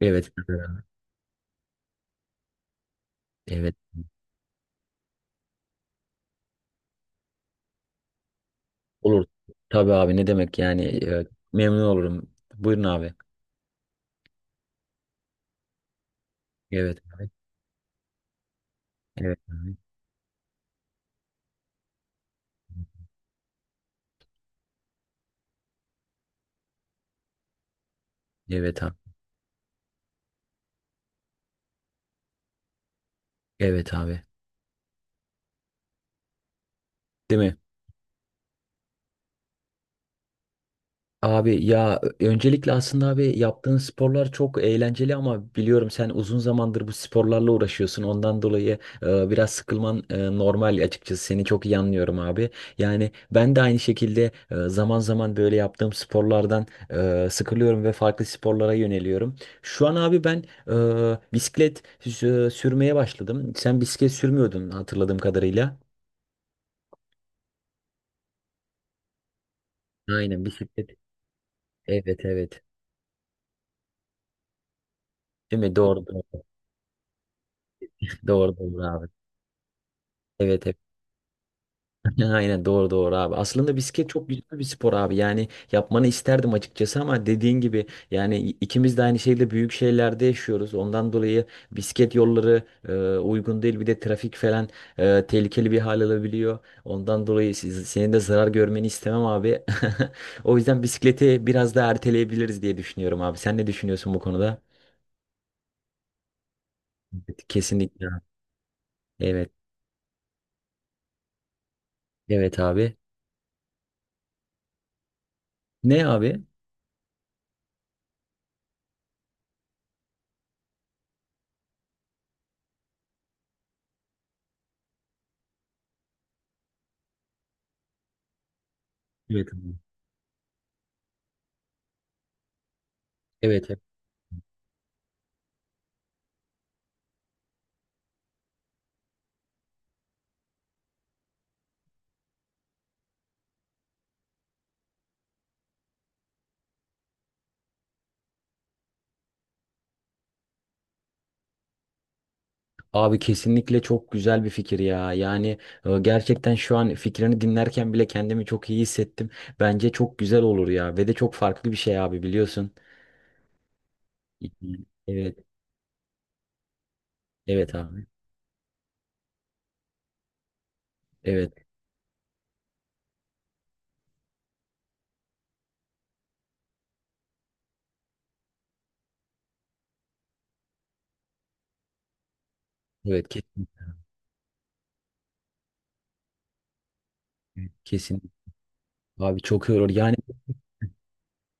Evet. Evet. Olur. Tabii abi ne demek yani memnun olurum. Buyurun abi. Evet abi. Evet abi. Evet abi. Evet abi. Değil mi? Abi ya öncelikle aslında abi yaptığın sporlar çok eğlenceli ama biliyorum sen uzun zamandır bu sporlarla uğraşıyorsun. Ondan dolayı biraz sıkılman normal açıkçası. Seni çok iyi anlıyorum abi. Yani ben de aynı şekilde zaman zaman böyle yaptığım sporlardan sıkılıyorum ve farklı sporlara yöneliyorum. Şu an abi ben bisiklet sürmeye başladım. Sen bisiklet sürmüyordun hatırladığım kadarıyla. Aynen bisiklet. Evet, evet. Değil mi? Doğru, doğru. Doğru, doğru abi. Evet, evet. Ya, aynen, doğru, doğru abi. Aslında bisiklet çok güzel bir spor abi. Yani yapmanı isterdim açıkçası ama dediğin gibi yani ikimiz de aynı şeyde büyük şehirlerde yaşıyoruz. Ondan dolayı bisiklet yolları e, uygun değil. Bir de trafik falan tehlikeli bir hal alabiliyor. Ondan dolayı siz, senin de zarar görmeni istemem abi. O yüzden bisikleti biraz daha erteleyebiliriz diye düşünüyorum abi. Sen ne düşünüyorsun bu konuda? Evet, kesinlikle. Evet. Evet abi. Ne abi? Evet abi. Evet. Abi kesinlikle çok güzel bir fikir ya. Yani gerçekten şu an fikrini dinlerken bile kendimi çok iyi hissettim. Bence çok güzel olur ya ve de çok farklı bir şey abi biliyorsun. Evet, evet abi. Evet, evet kesin. Kesin. Abi çok iyi olur. Yani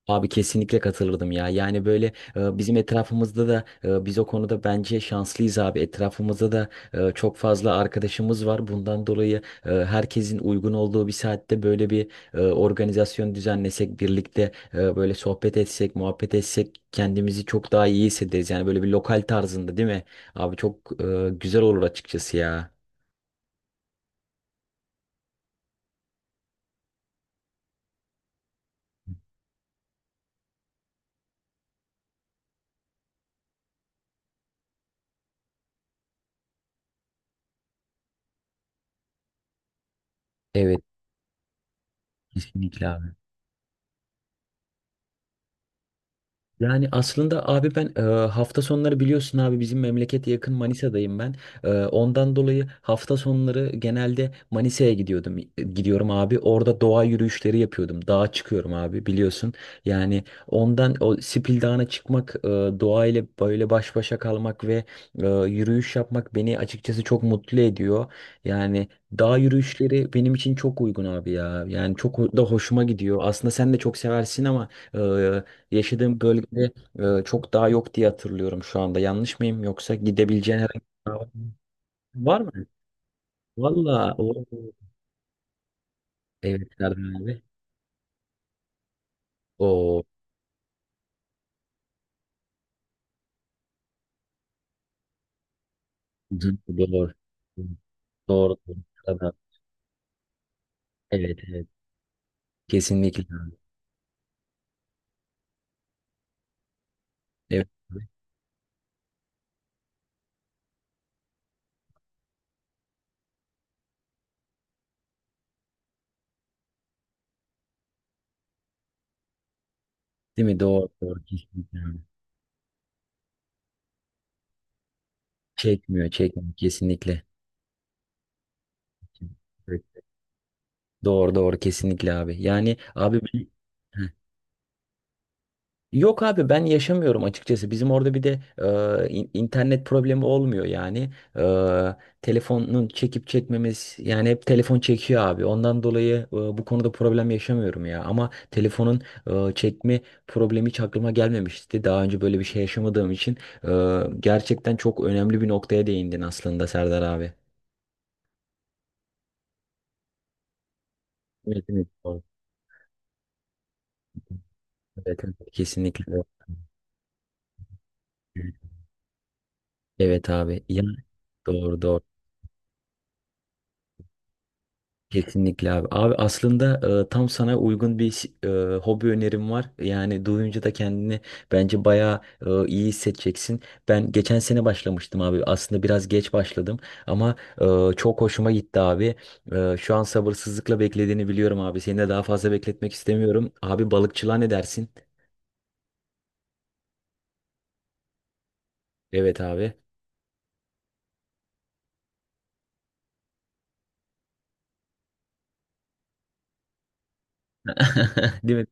abi kesinlikle katılırdım ya. Yani böyle bizim etrafımızda da biz o konuda bence şanslıyız abi. Etrafımızda da çok fazla arkadaşımız var. Bundan dolayı herkesin uygun olduğu bir saatte böyle bir organizasyon düzenlesek, birlikte böyle sohbet etsek, muhabbet etsek kendimizi çok daha iyi hissederiz. Yani böyle bir lokal tarzında değil mi? Abi çok güzel olur açıkçası ya. Evet, kesinlikle abi. Yani aslında abi ben hafta sonları biliyorsun abi bizim memlekete yakın Manisa'dayım ben. Ondan dolayı hafta sonları genelde Manisa'ya gidiyordum. Gidiyorum abi. Orada doğa yürüyüşleri yapıyordum. Dağa çıkıyorum abi biliyorsun. Yani ondan o Sipil Dağı'na çıkmak, doğayla böyle baş başa kalmak ve yürüyüş yapmak beni açıkçası çok mutlu ediyor. Yani dağ yürüyüşleri benim için çok uygun abi ya. Yani çok da hoşuma gidiyor. Aslında sen de çok seversin ama yaşadığım bölgede çok daha yok diye hatırlıyorum şu anda. Yanlış mıyım? Yoksa gidebileceğin herhangi bir dağ var mı? Var mı? Valla. Evet Erdem abi. O doğru. Doğru. Doğru. Tabii. Evet, evet. Kesinlikle abi. Evet abi. Değil mi? Doğru. Doğru. Kesinlikle abi. Çekmiyor. Çekmiyor. Kesinlikle. Evet. Doğru. Doğru. Kesinlikle abi. Yani abi ben... Heh, yok abi ben yaşamıyorum açıkçası. Bizim orada bir de internet problemi olmuyor yani. Telefonun çekip çekmemiz yani hep telefon çekiyor abi. Ondan dolayı bu konuda problem yaşamıyorum ya. Ama telefonun çekme problemi hiç aklıma gelmemişti. Daha önce böyle bir şey yaşamadığım için gerçekten çok önemli bir noktaya değindin aslında Serdar abi. Evet, evet, doğru. Evet, evet, kesinlikle. Evet abi. Ya, doğru, doğru. Kesinlikle abi. Abi aslında tam sana uygun bir hobi önerim var. Yani duyunca da kendini bence bayağı iyi hissedeceksin. Ben geçen sene başlamıştım abi. Aslında biraz geç başladım ama çok hoşuma gitti abi. Şu an sabırsızlıkla beklediğini biliyorum abi. Seni de daha fazla bekletmek istemiyorum. Abi balıkçılığa ne dersin? Evet abi. Değil mi?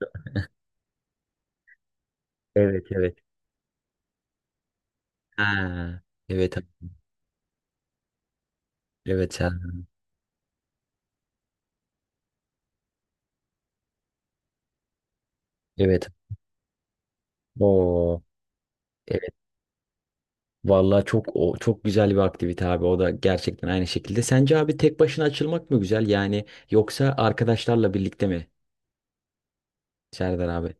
Evet, evet. Ha. Evet abi. Evet abi. Evet. Oo. Vallahi çok o çok güzel bir aktivite abi. O da gerçekten aynı şekilde. Sence abi tek başına açılmak mı güzel? Yani yoksa arkadaşlarla birlikte mi Serdar abi?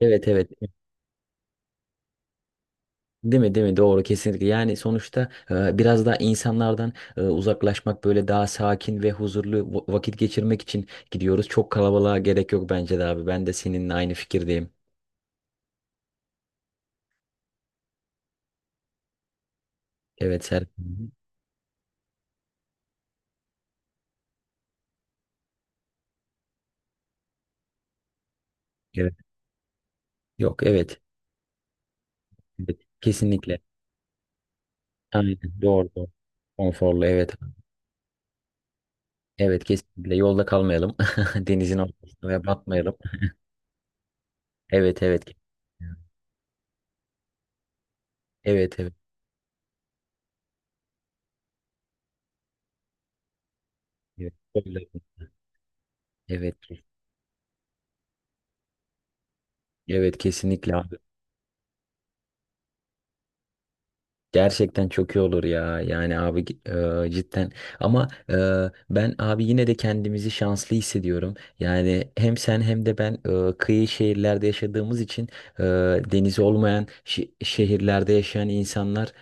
Evet, evet. Değil mi, değil mi? Doğru, kesinlikle. Yani sonuçta biraz daha insanlardan uzaklaşmak böyle daha sakin ve huzurlu vakit geçirmek için gidiyoruz. Çok kalabalığa gerek yok bence de abi. Ben de seninle aynı fikirdeyim. Evet Serdar. Evet. Yok, evet. Evet. Kesinlikle. Aynen. Doğru, doğru. Konforlu, evet. Evet kesinlikle yolda kalmayalım. Denizin ortasına batmayalım. Evet, evet. Evet, evet. Evet. Öyle. Evet. Evet kesinlikle abi. Gerçekten çok iyi olur ya. Yani abi cidden. Ama ben abi yine de kendimizi şanslı hissediyorum. Yani hem sen hem de ben kıyı şehirlerde yaşadığımız için e, denizi olmayan şehirlerde yaşayan insanlar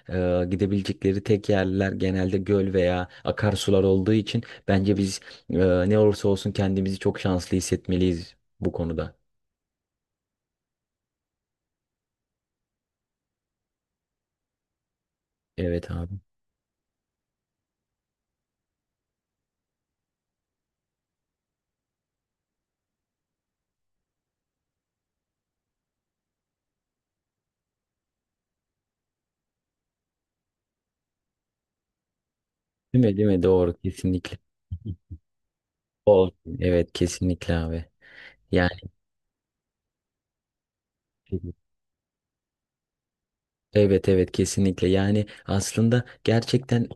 gidebilecekleri tek yerler genelde göl veya akarsular olduğu için bence biz e, ne olursa olsun kendimizi çok şanslı hissetmeliyiz bu konuda. Evet abi. Değil mi? Değil mi? Doğru. Kesinlikle. Olsun. Evet kesinlikle abi. Yani evet, evet kesinlikle yani aslında gerçekten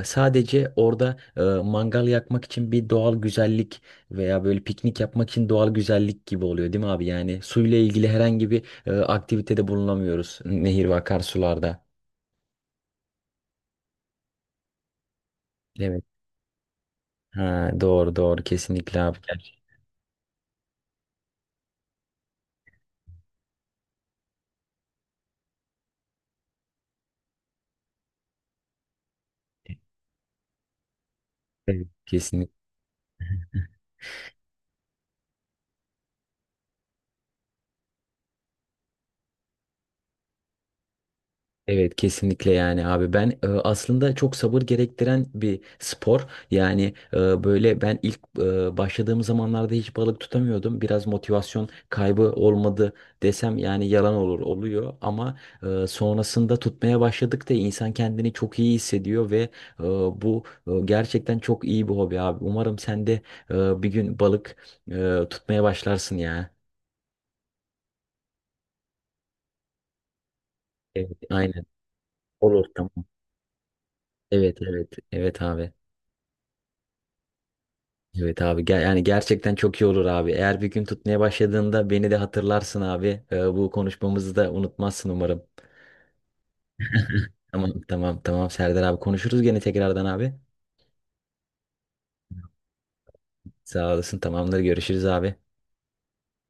sadece orada mangal yakmak için bir doğal güzellik veya böyle piknik yapmak için doğal güzellik gibi oluyor değil mi abi? Yani suyla ilgili herhangi bir aktivitede bulunamıyoruz nehir ve akarsularda. Evet. Ha, doğru, doğru, kesinlikle abi. Gerçekten. Evet. Kesinlikle. Evet kesinlikle yani abi ben aslında çok sabır gerektiren bir spor yani böyle ben ilk başladığım zamanlarda hiç balık tutamıyordum, biraz motivasyon kaybı olmadı desem yani yalan olur, oluyor ama sonrasında tutmaya başladıkça insan kendini çok iyi hissediyor ve e, bu gerçekten çok iyi bir hobi abi, umarım sen de bir gün balık tutmaya başlarsın ya. Evet aynen, olur tamam, evet, evet, evet abi. Evet abi yani gerçekten çok iyi olur abi. Eğer bir gün tutmaya başladığında beni de hatırlarsın abi. Bu konuşmamızı da unutmazsın umarım. Tamam, tamam, tamam Serdar abi, konuşuruz gene tekrardan abi. Sağ olasın, tamamdır, görüşürüz abi.